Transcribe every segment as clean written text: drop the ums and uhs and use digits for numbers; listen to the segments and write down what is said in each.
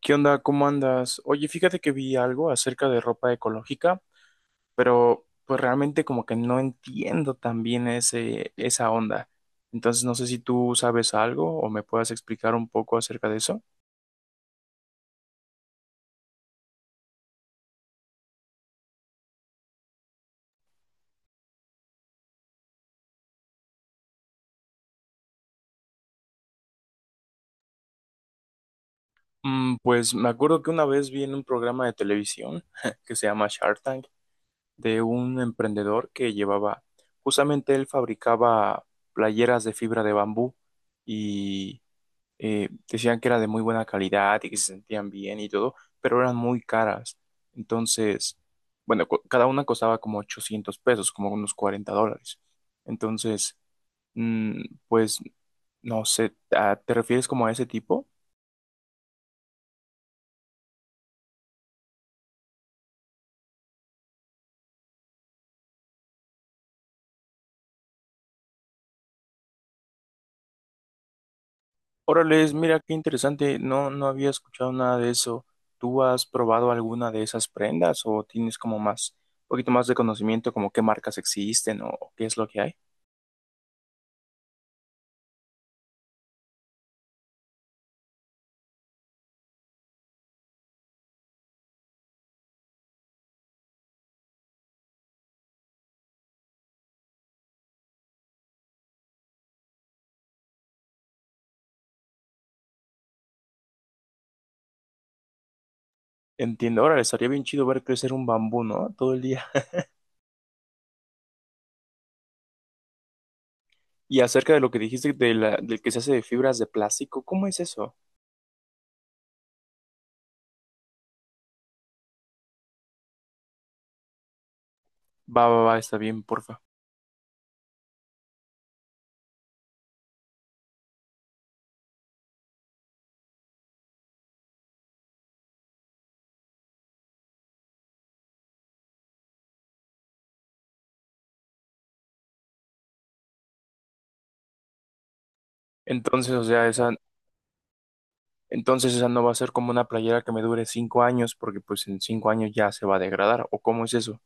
¿Qué onda? ¿Cómo andas? Oye, fíjate que vi algo acerca de ropa ecológica, pero pues realmente como que no entiendo tan bien esa onda. Entonces no sé si tú sabes algo o me puedas explicar un poco acerca de eso. Pues me acuerdo que una vez vi en un programa de televisión que se llama Shark Tank de un emprendedor que llevaba, justamente él fabricaba playeras de fibra de bambú y decían que era de muy buena calidad y que se sentían bien y todo, pero eran muy caras. Entonces, bueno, cada una costaba como 800 pesos, como unos 40 dólares. Entonces, mm, pues, no sé, ¿te refieres como a ese tipo? Órales, mira qué interesante, no, no había escuchado nada de eso. ¿Tú has probado alguna de esas prendas o tienes como más, un poquito más de conocimiento como qué marcas existen o qué es lo que hay? Entiendo, ahora estaría bien chido ver crecer un bambú, ¿no? Todo el día. Y acerca de lo que dijiste de la, del que se hace de fibras de plástico, ¿cómo es eso? Va, va, va, está bien, porfa. Entonces, o sea, entonces esa no va a ser como una playera que me dure 5 años, porque pues en 5 años ya se va a degradar, ¿o cómo es eso?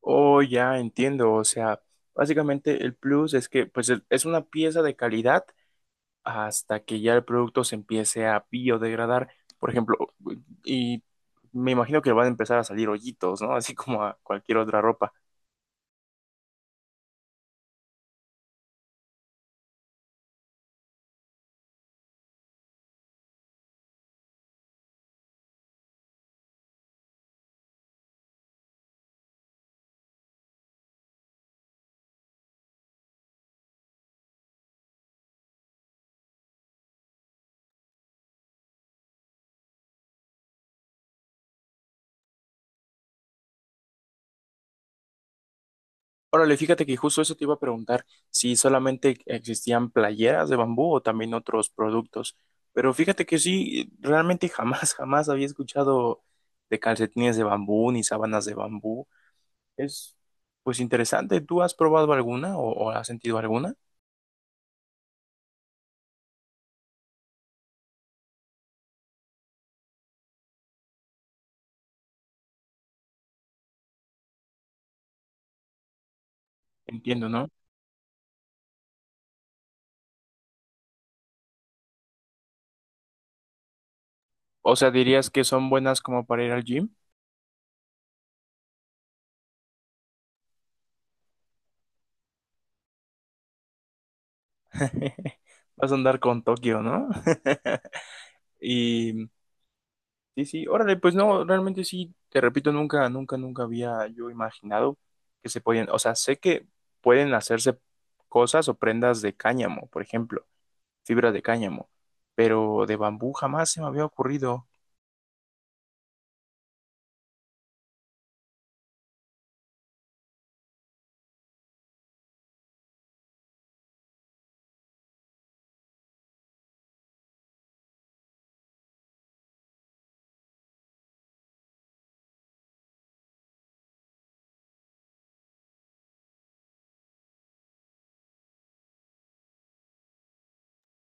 Oh, ya entiendo, o sea, básicamente el plus es que pues es una pieza de calidad hasta que ya el producto se empiece a biodegradar, por ejemplo, y me imagino que van a empezar a salir hoyitos, ¿no? Así como a cualquier otra ropa. Órale, fíjate que justo eso te iba a preguntar, si solamente existían playeras de bambú o también otros productos. Pero fíjate que sí, realmente jamás, jamás había escuchado de calcetines de bambú ni sábanas de bambú. Es pues interesante. ¿Tú has probado alguna o has sentido alguna? Entiendo, ¿no? O sea, dirías que son buenas como para ir al gym. Vas a andar con Tokio, ¿no? Y sí, sí, órale, pues no, realmente sí, te repito, nunca, nunca, nunca había yo imaginado que se podían, o sea, sé que pueden hacerse cosas o prendas de cáñamo, por ejemplo, fibra de cáñamo, pero de bambú jamás se me había ocurrido.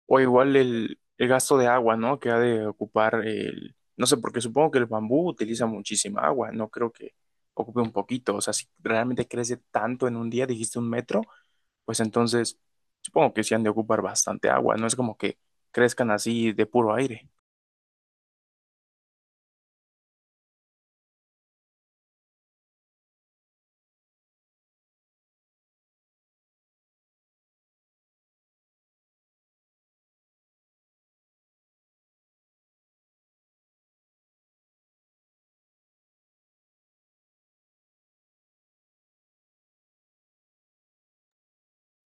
O igual el gasto de agua, ¿no? Que ha de ocupar el... No sé, porque supongo que el bambú utiliza muchísima agua, no creo que ocupe un poquito. O sea, si realmente crece tanto en un día, dijiste 1 metro, pues entonces supongo que sí han de ocupar bastante agua, no es como que crezcan así de puro aire.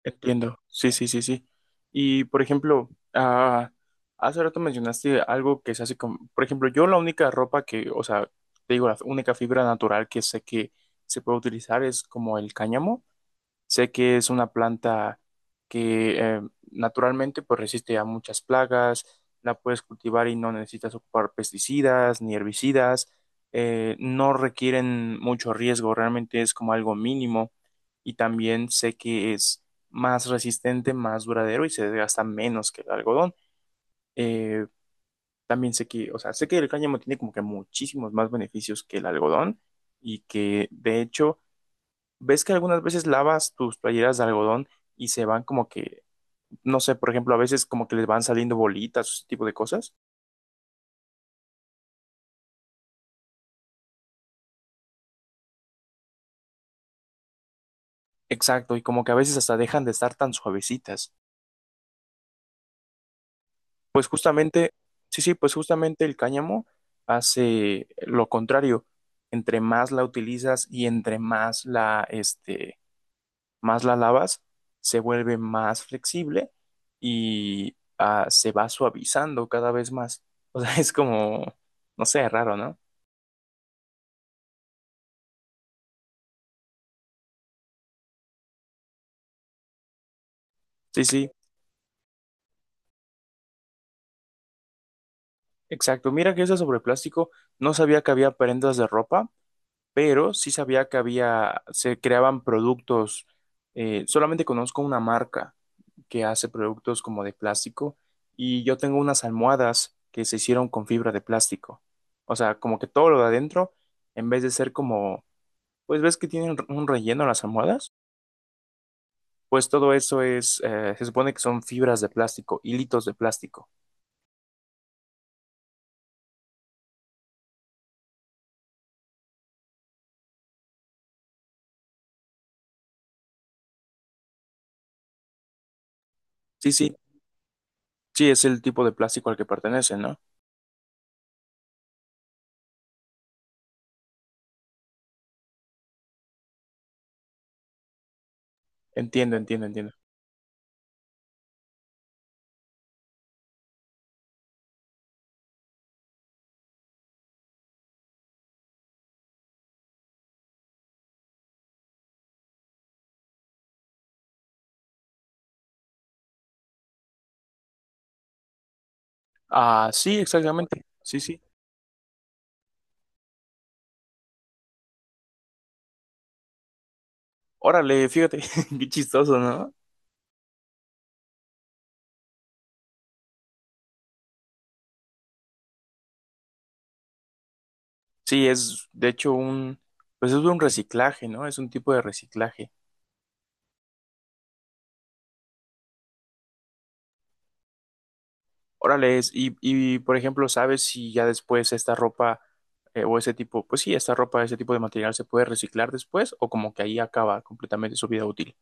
Entiendo, sí, sí, sí, sí. Y por ejemplo, ah, hace rato mencionaste algo que se hace con, por ejemplo, yo la única ropa que, o sea, te digo, la única fibra natural que sé que se puede utilizar es como el cáñamo. Sé que es una planta que naturalmente pues resiste a muchas plagas, la puedes cultivar y no necesitas ocupar pesticidas ni herbicidas, no requieren mucho riesgo, realmente es como algo mínimo y también sé que es más resistente, más duradero y se desgasta menos que el algodón. Eh, También sé que, o sea, sé que el cáñamo tiene como que muchísimos más beneficios que el algodón y que de hecho ¿ves que algunas veces lavas tus playeras de algodón y se van como que, no sé, por ejemplo, a veces como que les van saliendo bolitas o ese tipo de cosas? Exacto, y como que a veces hasta dejan de estar tan suavecitas. Pues justamente, sí, sí, pues justamente el cáñamo hace lo contrario. Entre más la utilizas y entre más la, más la lavas, se vuelve más flexible y ah, se va suavizando cada vez más. O sea, es como, no sé, raro, ¿no? Sí, sí. Exacto, mira que eso sobre plástico, no sabía que había prendas de ropa, pero sí sabía que había, se creaban productos, solamente conozco una marca que hace productos como de plástico y yo tengo unas almohadas que se hicieron con fibra de plástico. O sea, como que todo lo de adentro, en vez de ser como, pues ves que tienen un relleno las almohadas, pues todo eso es, se supone que son fibras de plástico, hilitos de plástico. Sí, sí, sí, es el tipo de plástico al que pertenecen, ¿no? Entiendo, entiendo, entiendo. Ah, sí, exactamente. Sí, sí. Órale, fíjate, qué chistoso, ¿no? Sí, es de hecho un, pues es un reciclaje, ¿no? Es un tipo de reciclaje. Órale, es, y por ejemplo, ¿sabes si ya después esta ropa o ese tipo, pues sí, esta ropa, ese tipo de material se puede reciclar después o como que ahí acaba completamente su vida útil?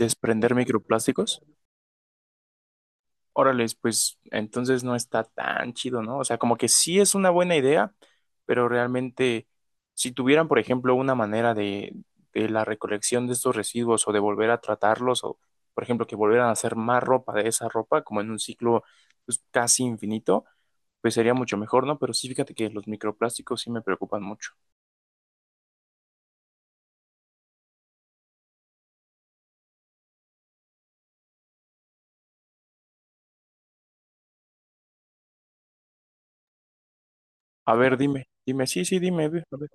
¿Desprender microplásticos? Órales, pues entonces no está tan chido, ¿no? O sea, como que sí es una buena idea, pero realmente si tuvieran, por ejemplo, una manera de, la recolección de estos residuos o de volver a tratarlos o, por ejemplo, que volvieran a hacer más ropa de esa ropa, como en un ciclo pues, casi infinito, pues sería mucho mejor, ¿no? Pero sí, fíjate que los microplásticos sí me preocupan mucho. A ver, dime, dime, sí, sí, dime. Ve, a ver.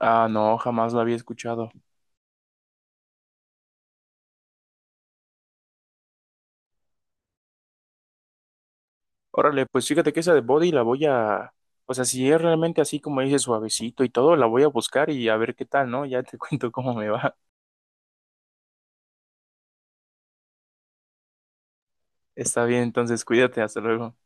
Ah, no, jamás lo había escuchado. Órale, pues fíjate que esa de Body la voy a, o sea, si es realmente así como dice suavecito y todo, la voy a buscar y a ver qué tal, ¿no? Ya te cuento cómo me va. Está bien, entonces cuídate, hasta luego.